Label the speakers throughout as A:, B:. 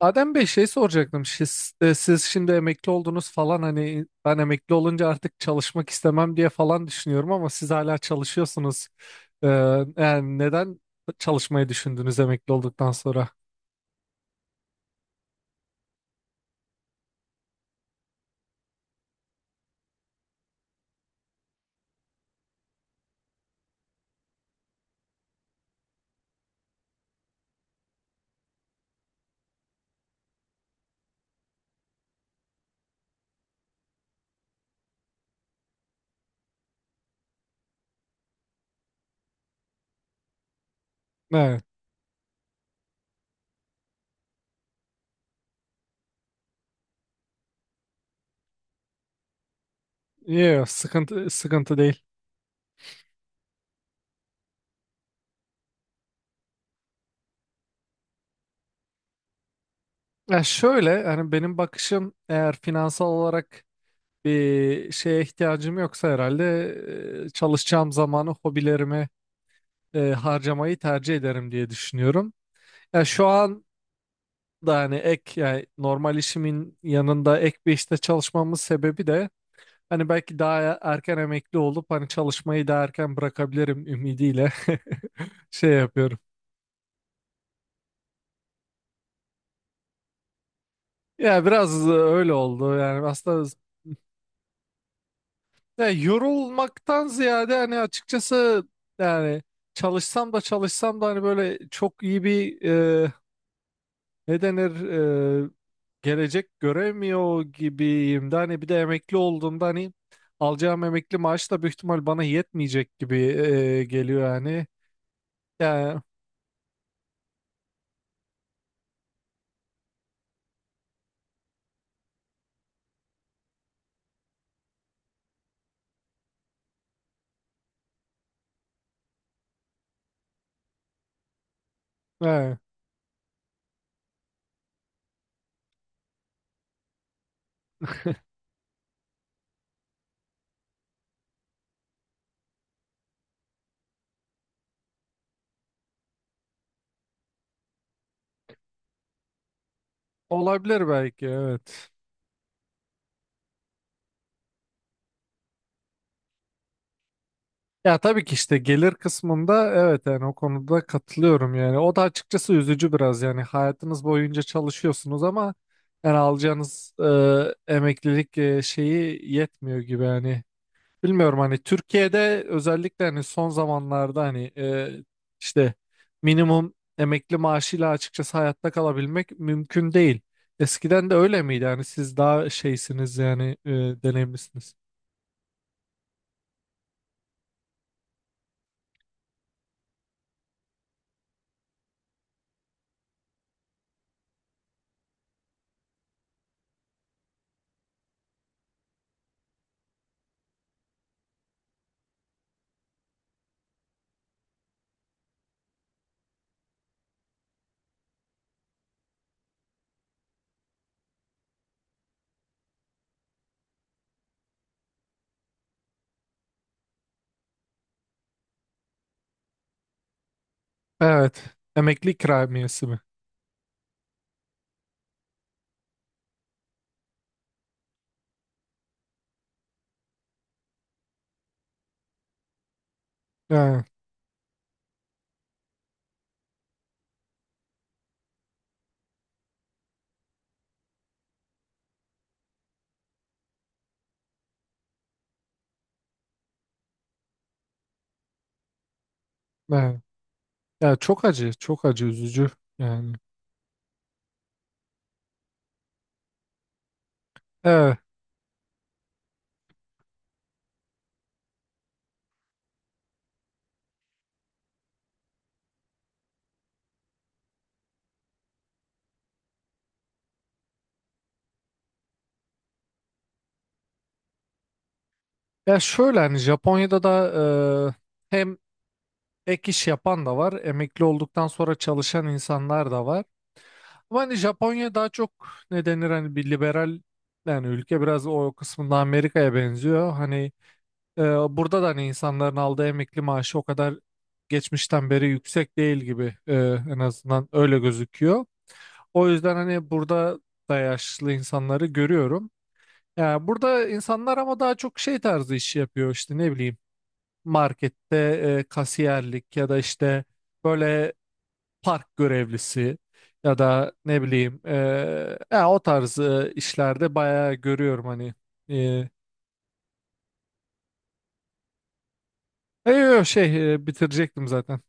A: Adem Bey şey soracaktım. Siz, siz şimdi emekli oldunuz falan hani ben emekli olunca artık çalışmak istemem diye falan düşünüyorum ama siz hala çalışıyorsunuz. Ee, Yani neden çalışmayı düşündünüz emekli olduktan sonra? Evet. Yo, sıkıntı değil. Ya şöyle hani benim bakışım eğer finansal olarak bir şeye ihtiyacım yoksa herhalde çalışacağım zamanı hobilerime harcamayı tercih ederim diye düşünüyorum. Ya şu an da hani ek yani normal işimin yanında ek bir işte çalışmamın sebebi de hani belki daha erken emekli olup hani çalışmayı daha erken bırakabilirim ümidiyle şey yapıyorum. Ya biraz öyle oldu yani aslında ya yorulmaktan ziyade hani açıkçası yani çalışsam da çalışsam da hani böyle çok iyi bir e, ne denir gelecek göremiyor gibiyim de hani bir de emekli olduğumda hani alacağım emekli maaş da büyük ihtimal bana yetmeyecek gibi geliyor yani. Yani e, olabilir belki evet. Ya tabii ki işte gelir kısmında evet yani o konuda katılıyorum yani. O da açıkçası üzücü biraz yani hayatınız boyunca çalışıyorsunuz ama yani alacağınız emeklilik şeyi yetmiyor gibi yani. Bilmiyorum hani Türkiye'de özellikle hani son zamanlarda hani işte minimum emekli maaşıyla açıkçası hayatta kalabilmek mümkün değil. Eskiden de öyle miydi? Yani siz daha şeysiniz yani deneyimlisiniz. Evet. Emekli ikramiyesi mi? Evet. Evet. Ya çok acı, çok acı üzücü yani. Evet. Ya şöyle hani Japonya'da da hem ek iş yapan da var, emekli olduktan sonra çalışan insanlar da var. Ama hani Japonya daha çok ne denir hani bir liberal yani ülke biraz o kısmında Amerika'ya benziyor. Hani e, burada da hani insanların aldığı emekli maaşı o kadar geçmişten beri yüksek değil gibi en azından öyle gözüküyor. O yüzden hani burada da yaşlı insanları görüyorum. Yani burada insanlar ama daha çok şey tarzı iş yapıyor işte ne bileyim markette kasiyerlik ya da işte böyle park görevlisi ya da ne bileyim ya o tarz işlerde bayağı görüyorum hani. Eee e, yo, şey bitirecektim zaten.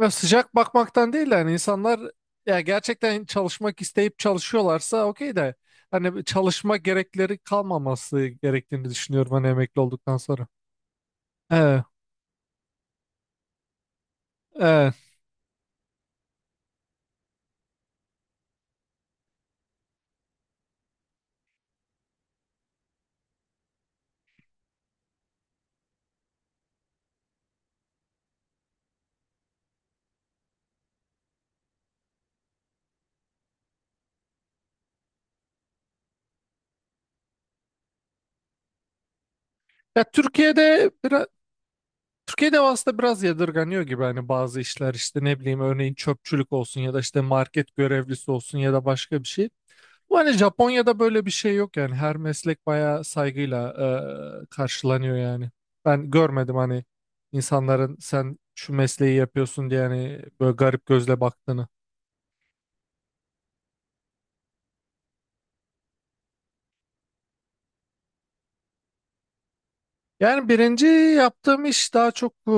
A: Ya sıcak bakmaktan değil de hani insanlar ya gerçekten çalışmak isteyip çalışıyorlarsa okey de hani bir çalışma gerekleri kalmaması gerektiğini düşünüyorum hani emekli olduktan sonra. Evet, evet. Ya Türkiye'de bir. Türkiye'de aslında biraz yadırganıyor gibi hani bazı işler işte ne bileyim örneğin çöpçülük olsun ya da işte market görevlisi olsun ya da başka bir şey. Bu hani Japonya'da böyle bir şey yok yani her meslek bayağı saygıyla karşılanıyor yani. Ben görmedim hani insanların sen şu mesleği yapıyorsun diye hani böyle garip gözle baktığını. Yani birinci yaptığım iş daha çok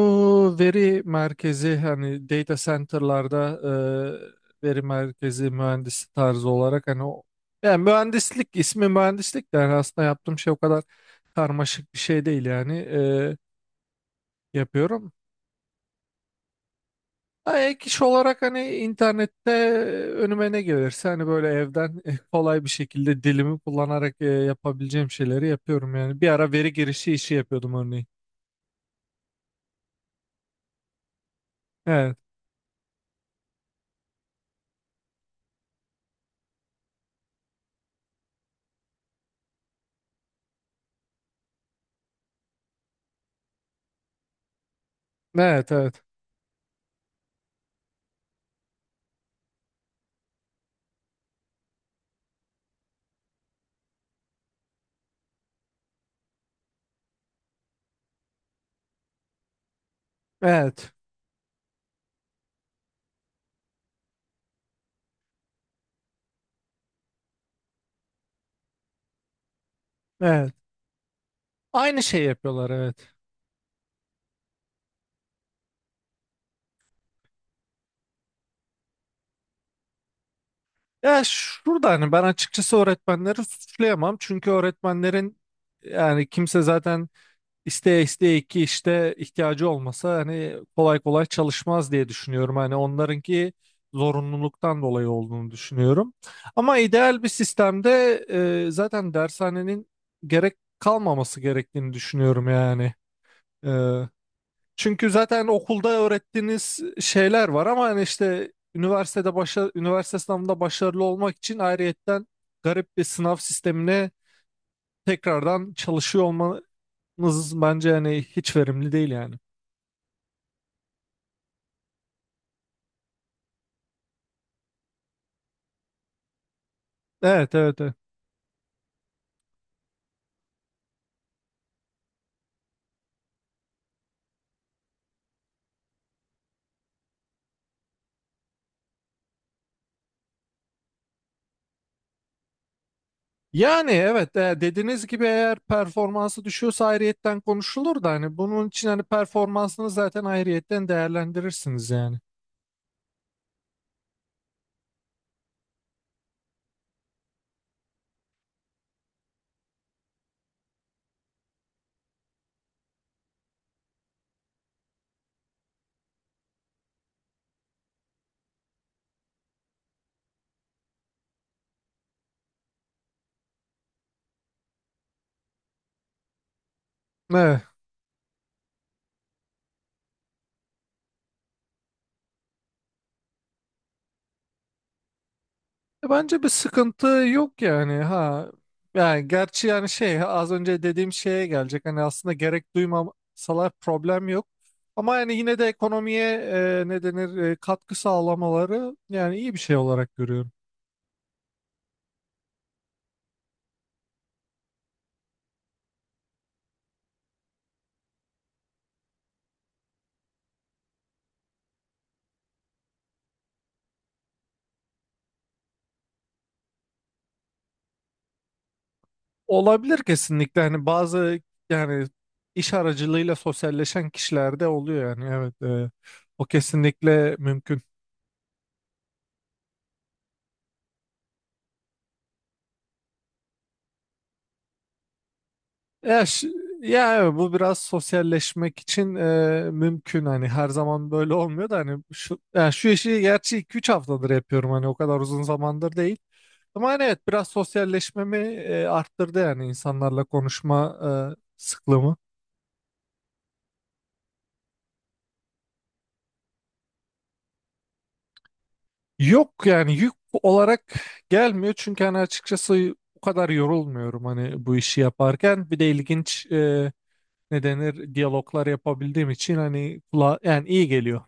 A: veri merkezi hani data center'larda veri merkezi mühendisi tarzı olarak hani o yani mühendislik ismi mühendislik de yani aslında yaptığım şey o kadar karmaşık bir şey değil yani yapıyorum. Ha, ek iş olarak hani internette önüme ne gelirse hani böyle evden kolay bir şekilde dilimi kullanarak yapabileceğim şeyleri yapıyorum yani. Bir ara veri girişi işi yapıyordum örneğin. Evet. Evet, evet. Evet. Evet. Aynı şey yapıyorlar evet. Ya şurada hani ben açıkçası öğretmenleri suçlayamam. Çünkü öğretmenlerin yani kimse zaten isteye isteye ki işte ihtiyacı olmasa hani kolay kolay çalışmaz diye düşünüyorum. Hani onlarınki zorunluluktan dolayı olduğunu düşünüyorum. Ama ideal bir sistemde zaten dershanenin gerek kalmaması gerektiğini düşünüyorum yani. E, Çünkü zaten okulda öğrettiğiniz şeyler var ama hani işte üniversitede üniversite sınavında başarılı olmak için ayrıyetten garip bir sınav sistemine tekrardan çalışıyor olmanız bence hani hiç verimli değil yani. Evet evet evet. Yani evet dediğiniz gibi eğer performansı düşüyorsa ayrıyetten konuşulur da hani bunun için hani performansını zaten ayrıyetten değerlendirirsiniz yani. Evet. Bence bir sıkıntı yok yani ha. Yani gerçi yani şey az önce dediğim şeye gelecek. Hani aslında gerek duymasalar problem yok. Ama yani yine de ekonomiye ne denir katkı sağlamaları yani iyi bir şey olarak görüyorum. Olabilir kesinlikle hani bazı yani iş aracılığıyla sosyalleşen kişilerde oluyor yani evet o kesinlikle mümkün. Ya, ya evet, bu biraz sosyalleşmek için mümkün hani her zaman böyle olmuyor da hani şu yani şu işi gerçi 2-3 haftadır yapıyorum hani o kadar uzun zamandır değil. Ama hani evet biraz sosyalleşmemi arttırdı yani insanlarla konuşma sıklığımı. Yok yani yük olarak gelmiyor çünkü hani açıkçası o kadar yorulmuyorum hani bu işi yaparken. Bir de ilginç ne denir diyaloglar yapabildiğim için hani kula yani iyi geliyor.